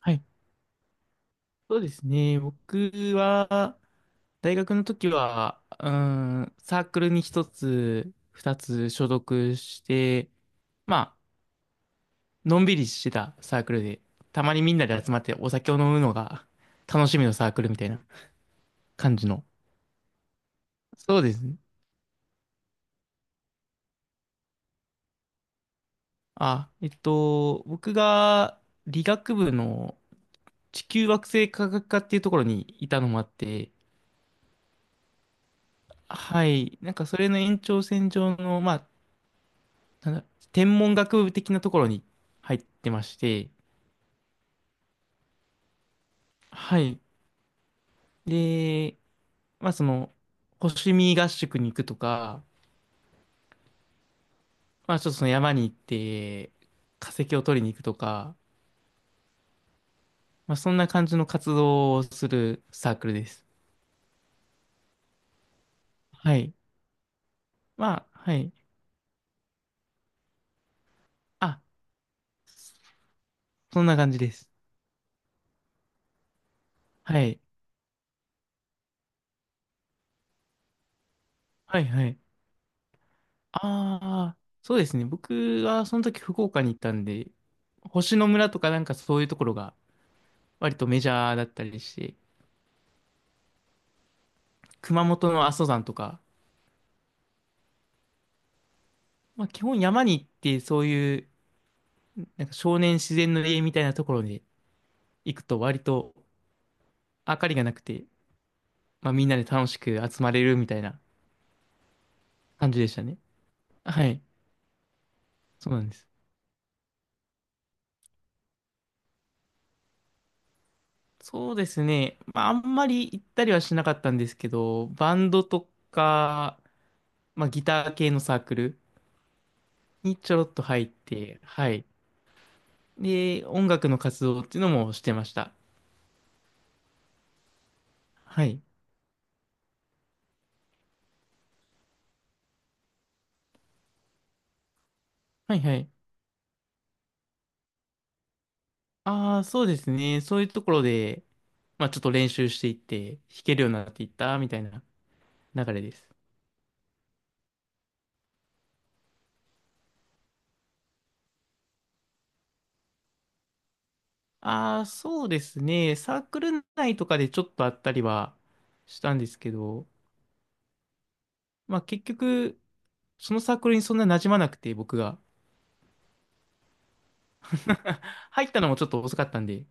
はい、そうですね。僕は、大学の時は、うん、サークルに一つ、二つ所属して、まあ、のんびりしてたサークルで、たまにみんなで集まってお酒を飲むのが楽しみのサークルみたいな感じの。そうですね。あ、僕が理学部の地球惑星科学科っていうところにいたのもあって、はい、なんかそれの延長線上の、まあ、なんだ、天文学部的なところに入ってまして、はい。で、まあその、星見合宿に行くとか、まあちょっとその山に行って化石を取りに行くとか、まあそんな感じの活動をするサークルです。はい。まあ、はい。あ、そんな感じです。はい。はい、はい。ああ、そうですね。僕はその時福岡に行ったんで、星の村とかなんかそういうところが割とメジャーだったりして、熊本の阿蘇山とか、まあ、基本山に行ってそういうなんか少年自然の家みたいなところに行くと割と明かりがなくて、まあ、みんなで楽しく集まれるみたいな感じでしたね。はい。そうなんです。そうですね。まあ、あんまり行ったりはしなかったんですけど、バンドとか、まあ、ギター系のサークルにちょろっと入って、はい。で、音楽の活動っていうのもしてました。はい。はいはい。ああ、そうですね。そういうところで、まあちょっと練習していって、弾けるようになっていったみたいな流れです。ああ、そうですね。サークル内とかでちょっとあったりはしたんですけど、まあ結局、そのサークルにそんな馴染まなくて、僕が。入ったのもちょっと遅かったんで。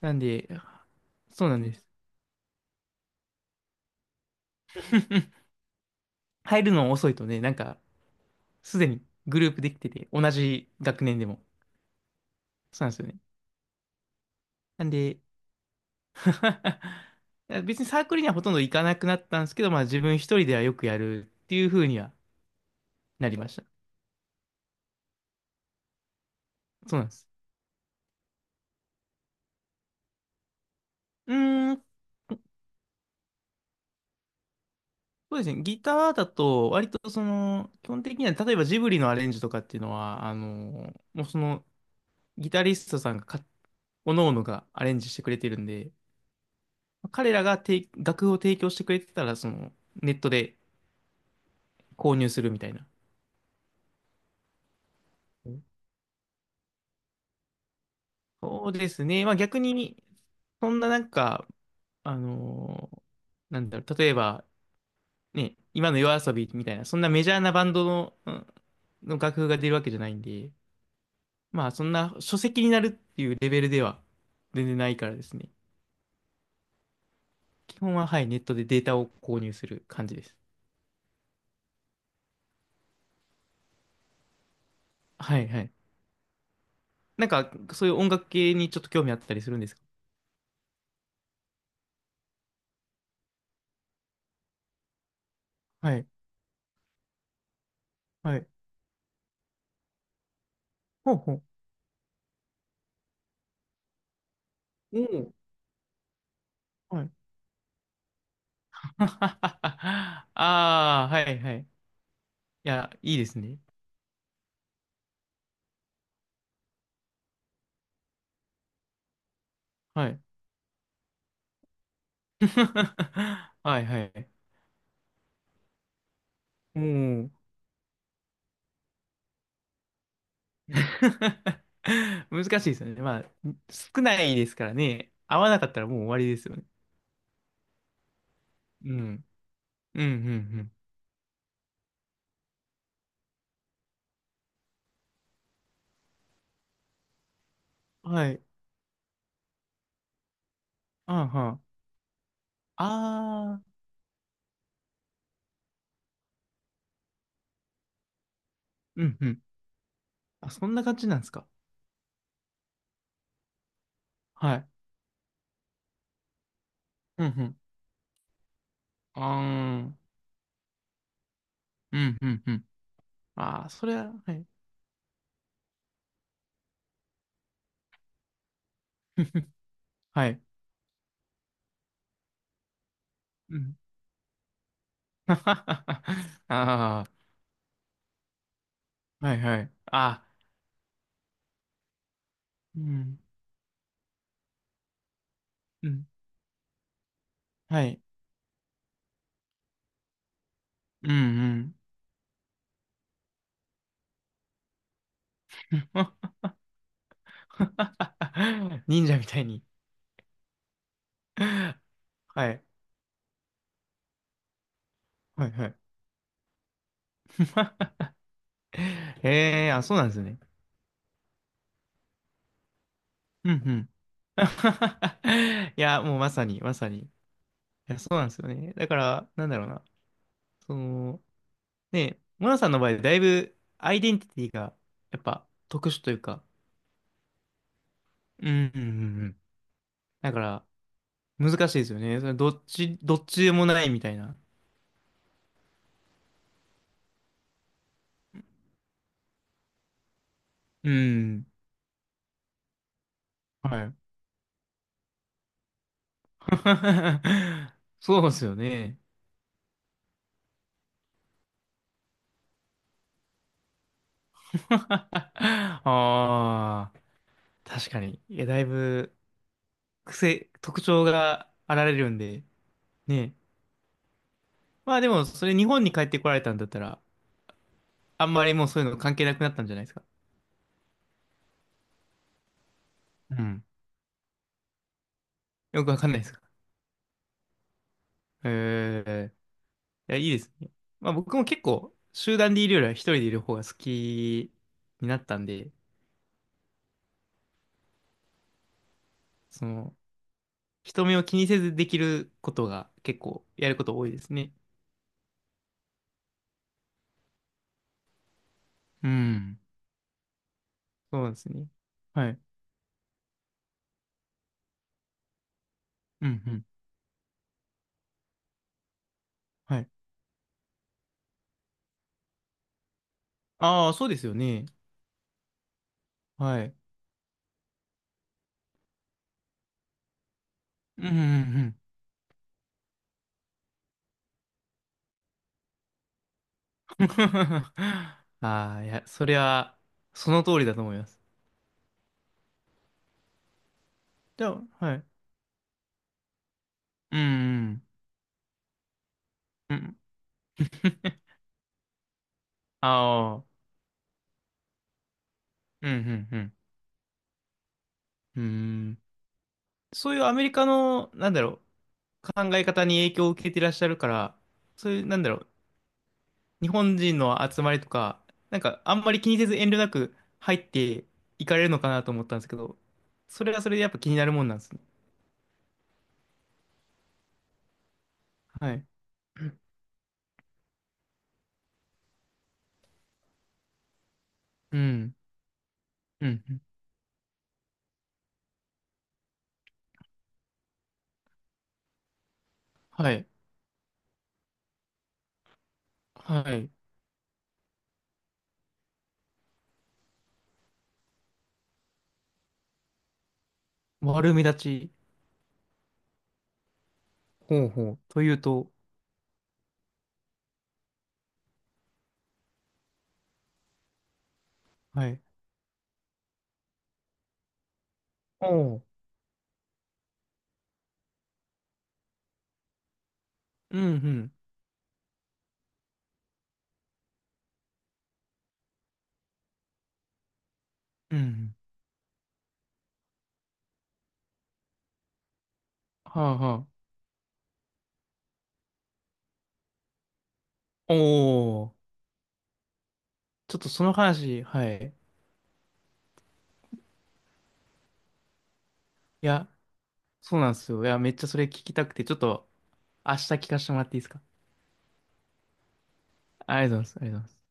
なんで、そうなんです。入るの遅いとね、なんか、すでにグループできてて、同じ学年でも。そうなんですよね。なんで、別にサークルにはほとんど行かなくなったんですけど、まあ自分一人ではよくやるっていう風にはなりました。そうなんです。うーん、そうですね。ギターだと、割と、基本的には、例えばジブリのアレンジとかっていうのは、もうその、ギタリストさんがか、おのおのがアレンジしてくれてるんで、彼らがて楽譜を提供してくれてたら、ネットで購入するみたいな。うん、そうですね。まあ逆に、そんななんか、あのー例えば、ね、今の夜遊びみたいな、そんなメジャーなバンドの、うんの楽譜が出るわけじゃないんで、まあ、そんな書籍になるっていうレベルでは全然ないからですね。基本は、はい、ネットでデータを購入する感じです。はいはい。なんか、そういう音楽系にちょっと興味あったりするんですか？はい、はい。ほうほう。おお、はい。ああ、はいはい。いや、いいですね。はい。はいはい。おお。難しいですよね。まあ、少ないですからね。合わなかったらもう終わりですよね。うん。うんうんうん。はい。はんはん。あー、うんうん。あ、そんな感じなんですか？はい。うんうん。あーん、うんうんうん。あー、それは、はい。はい。うん。あー、はいはい。あー、うん、うん。はいはいあうんうん。忍者みたいに。はい。はいはい。ええー、あ、そうなんですね。うんうん。いや、もうまさに、まさに。いや、そうなんですよね。だから、なんだろうな。その、ね、モナさんの場合、だいぶアイデンティティがやっぱ特殊というか、うん、うん、うんうん。だから難しいですよね。それどっち、どっちでもないみたいな。うん。はい。そうですよね。ああ、確かに。いや、だいぶ癖、特徴があられるんで、ね。まあでも、それ日本に帰ってこられたんだったら、あんまりもうそういうの関係なくなったんじゃないですか？うん。よくわかんないですか？へえ、や、いいですね。まあ僕も結構、集団でいるよりは一人でいる方が好きになったんで、その、人目を気にせずできることが結構やること多いですね。うん。そうですね。はい。うんうん。はい。ああ、そうですよね。はい。うんうんうん。ああ、いや、それは、その通りだと思います。じゃあ、はい。うんうんうん。うん。ああ、うんうんうん。うん。そういうアメリカの、考え方に影響を受けていらっしゃるから、そういう、日本人の集まりとか、なんかあんまり気にせず遠慮なく入っていかれるのかなと思ったんですけど、それはそれでやっぱ気になるもんなんですね。はい。うん。うん。はい。はい。悪目立ち。ほうほう。というと、はい。おう。うん、うん。うん。はあ、はあ。おお。ちょっとその話、はい。いや、そうなんですよ。いや、めっちゃそれ聞きたくて、ちょっと明日聞かせてもらっていいですか？ありがとうございます。ありがとうございます。